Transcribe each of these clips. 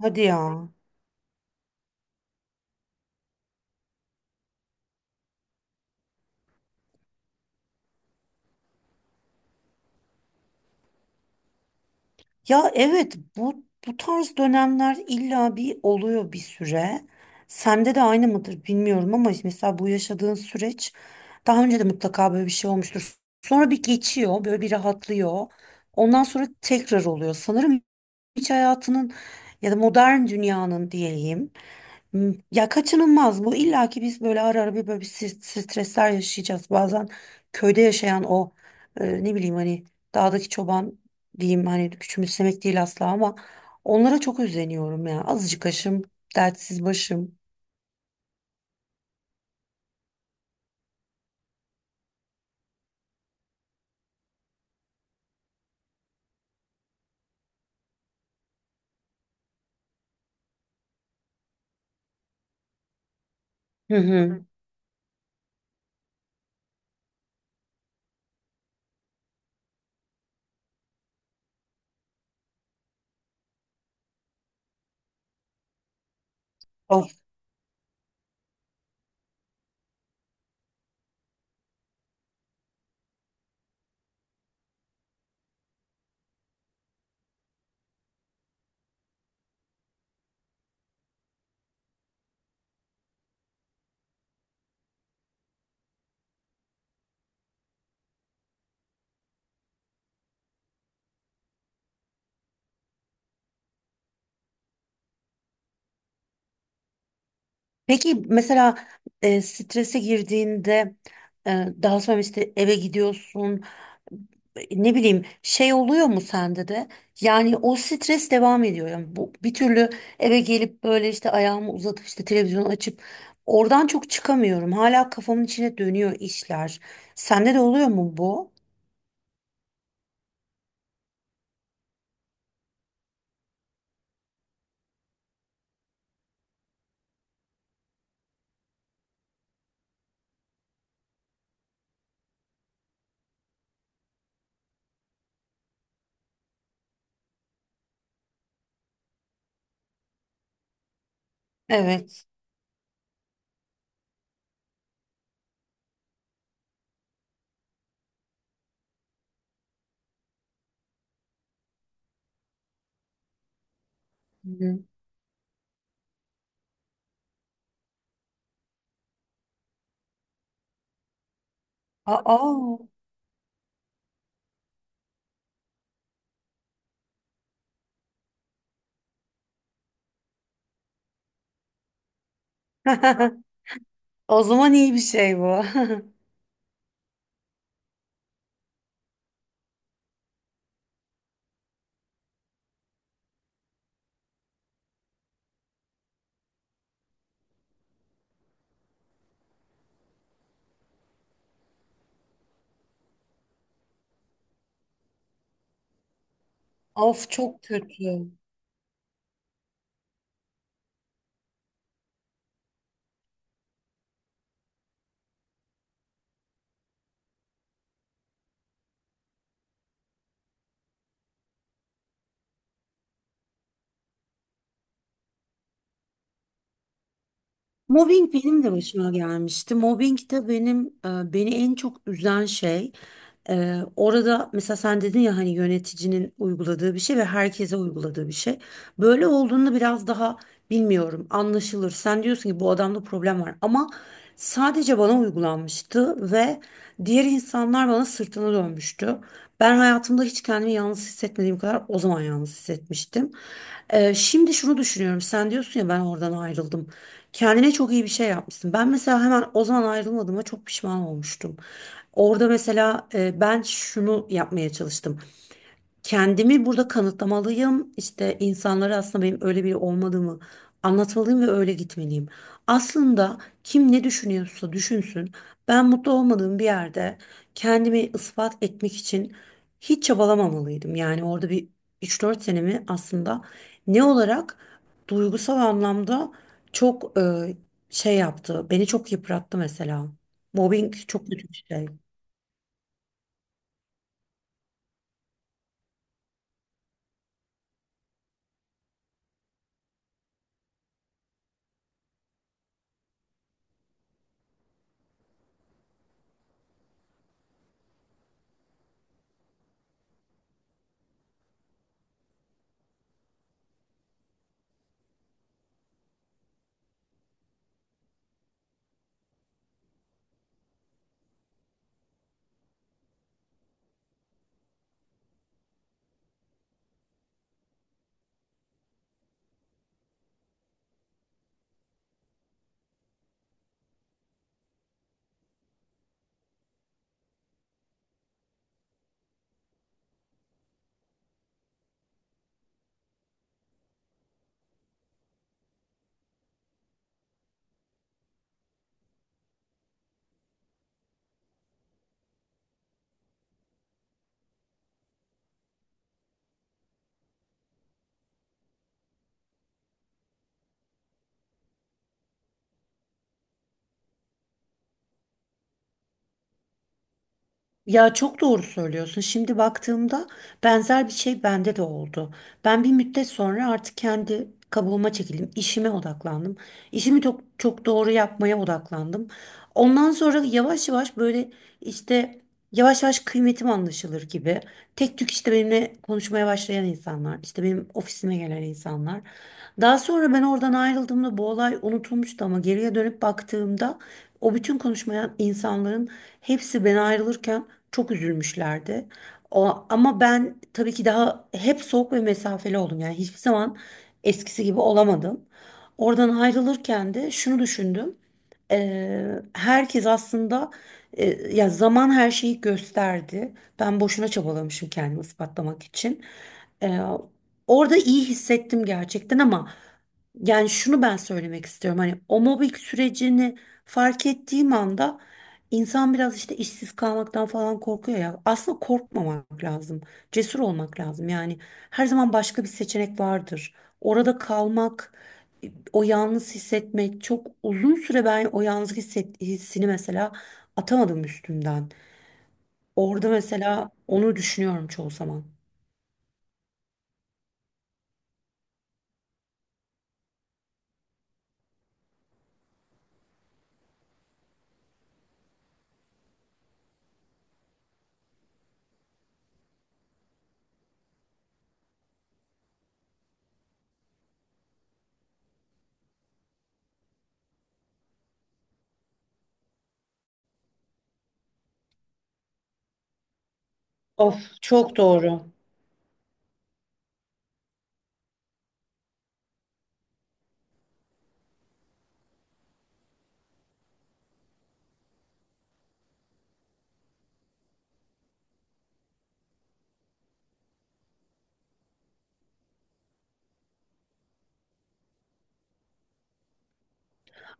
Hadi ya. Ya evet bu tarz dönemler illa bir oluyor bir süre. Sende de aynı mıdır bilmiyorum ama mesela bu yaşadığın süreç daha önce de mutlaka böyle bir şey olmuştur. Sonra bir geçiyor, böyle bir rahatlıyor. Ondan sonra tekrar oluyor. Sanırım hiç hayatının ya da modern dünyanın diyeyim. Hmm. Ya kaçınılmaz bu. İlla ki biz böyle ara ara bir böyle bir stresler yaşayacağız. Bazen köyde yaşayan o, ne bileyim, hani dağdaki çoban diyeyim, hani küçümsemek değil asla ama onlara çok özleniyorum ya. Azıcık aşım, dertsiz başım. Hı hı. Of. Peki mesela strese girdiğinde, daha sonra işte eve gidiyorsun, ne bileyim, şey oluyor mu sende de? Yani o stres devam ediyor, yani bu bir türlü eve gelip böyle işte ayağımı uzatıp işte televizyonu açıp oradan çok çıkamıyorum, hala kafamın içine dönüyor işler. Sende de oluyor mu bu? Evet. Hı. Aa. O zaman iyi bir şey bu. Of, çok kötü. Mobbing benim de başıma gelmişti. Mobbing de benim beni en çok üzen şey. E, orada mesela sen dedin ya, hani yöneticinin uyguladığı bir şey ve herkese uyguladığı bir şey. Böyle olduğunda biraz daha, bilmiyorum, anlaşılır. Sen diyorsun ki bu adamda problem var, ama sadece bana uygulanmıştı ve diğer insanlar bana sırtını dönmüştü. Ben hayatımda hiç kendimi yalnız hissetmediğim kadar o zaman yalnız hissetmiştim. E, şimdi şunu düşünüyorum. Sen diyorsun ya ben oradan ayrıldım. Kendine çok iyi bir şey yapmışsın. Ben mesela hemen o zaman ayrılmadığıma çok pişman olmuştum. Orada mesela ben şunu yapmaya çalıştım: kendimi burada kanıtlamalıyım. İşte insanlara aslında benim öyle biri olmadığımı anlatmalıyım ve öyle gitmeliyim. Aslında kim ne düşünüyorsa düşünsün. Ben mutlu olmadığım bir yerde kendimi ispat etmek için hiç çabalamamalıydım. Yani orada bir üç dört senemi aslında ne olarak, duygusal anlamda, çok şey yaptı. Beni çok yıprattı mesela. Mobbing çok kötü bir şey. Ya çok doğru söylüyorsun. Şimdi baktığımda benzer bir şey bende de oldu. Ben bir müddet sonra artık kendi kabuğuma çekildim. İşime odaklandım. İşimi çok çok doğru yapmaya odaklandım. Ondan sonra yavaş yavaş böyle, işte, yavaş yavaş kıymetim anlaşılır gibi. Tek tük işte benimle konuşmaya başlayan insanlar, işte benim ofisime gelen insanlar. Daha sonra ben oradan ayrıldığımda bu olay unutulmuştu, ama geriye dönüp baktığımda o bütün konuşmayan insanların hepsi ben ayrılırken çok üzülmüşlerdi. O, ama ben tabii ki daha hep soğuk ve mesafeli oldum. Yani hiçbir zaman eskisi gibi olamadım. Oradan ayrılırken de şunu düşündüm. Herkes aslında, ya, zaman her şeyi gösterdi. Ben boşuna çabalamışım kendimi ispatlamak için. Eee, Orada iyi hissettim gerçekten, ama yani şunu ben söylemek istiyorum. Hani o mobbing sürecini fark ettiğim anda, İnsan biraz işte işsiz kalmaktan falan korkuyor ya. Aslında korkmamak lazım. Cesur olmak lazım. Yani her zaman başka bir seçenek vardır. Orada kalmak, o yalnız hissetmek, çok uzun süre ben o hissini mesela atamadım üstümden. Orada mesela onu düşünüyorum çoğu zaman. Of, çok doğru.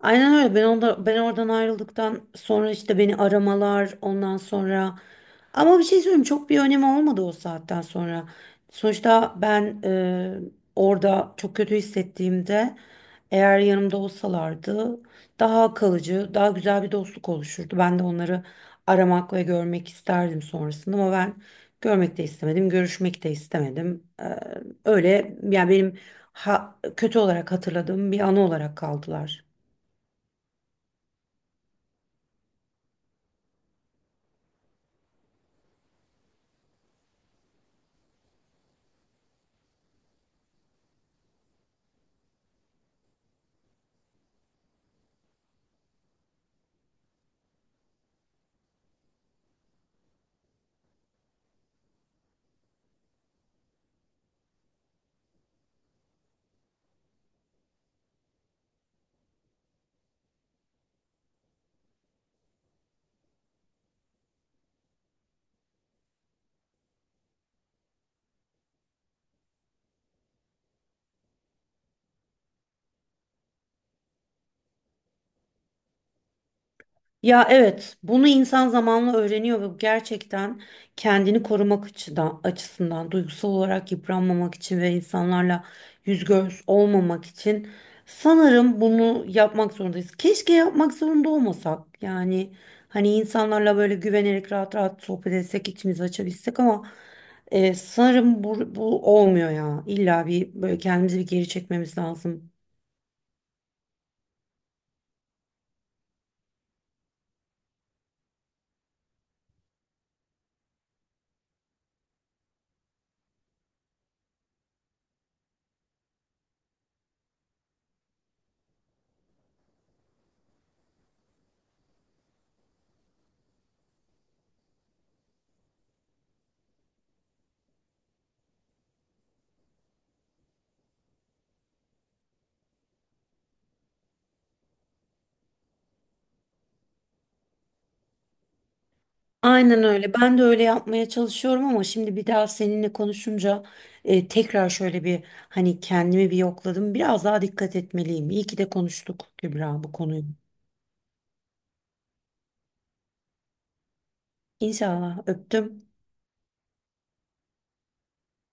Aynen öyle. Ben ben oradan ayrıldıktan sonra işte beni aramalar ondan sonra, ama bir şey söyleyeyim, çok bir önemi olmadı o saatten sonra. Sonuçta ben, orada çok kötü hissettiğimde, eğer yanımda olsalardı daha kalıcı, daha güzel bir dostluk oluşurdu. Ben de onları aramak ve görmek isterdim sonrasında, ama ben görmek de istemedim, görüşmek de istemedim. E, öyle, yani benim kötü olarak hatırladığım bir anı olarak kaldılar. Ya evet, bunu insan zamanla öğreniyor ve bu gerçekten kendini korumak açısından, duygusal olarak yıpranmamak için ve insanlarla yüz göz olmamak için sanırım bunu yapmak zorundayız. Keşke yapmak zorunda olmasak. Yani hani insanlarla böyle güvenerek rahat rahat sohbet etsek, içimizi açabilsek ama, sanırım bu olmuyor ya. İlla bir böyle kendimizi bir geri çekmemiz lazım. Aynen öyle. Ben de öyle yapmaya çalışıyorum, ama şimdi bir daha seninle konuşunca tekrar şöyle bir, hani, kendimi bir yokladım. Biraz daha dikkat etmeliyim. İyi ki de konuştuk Kübra bu konuyu. İnşallah, öptüm.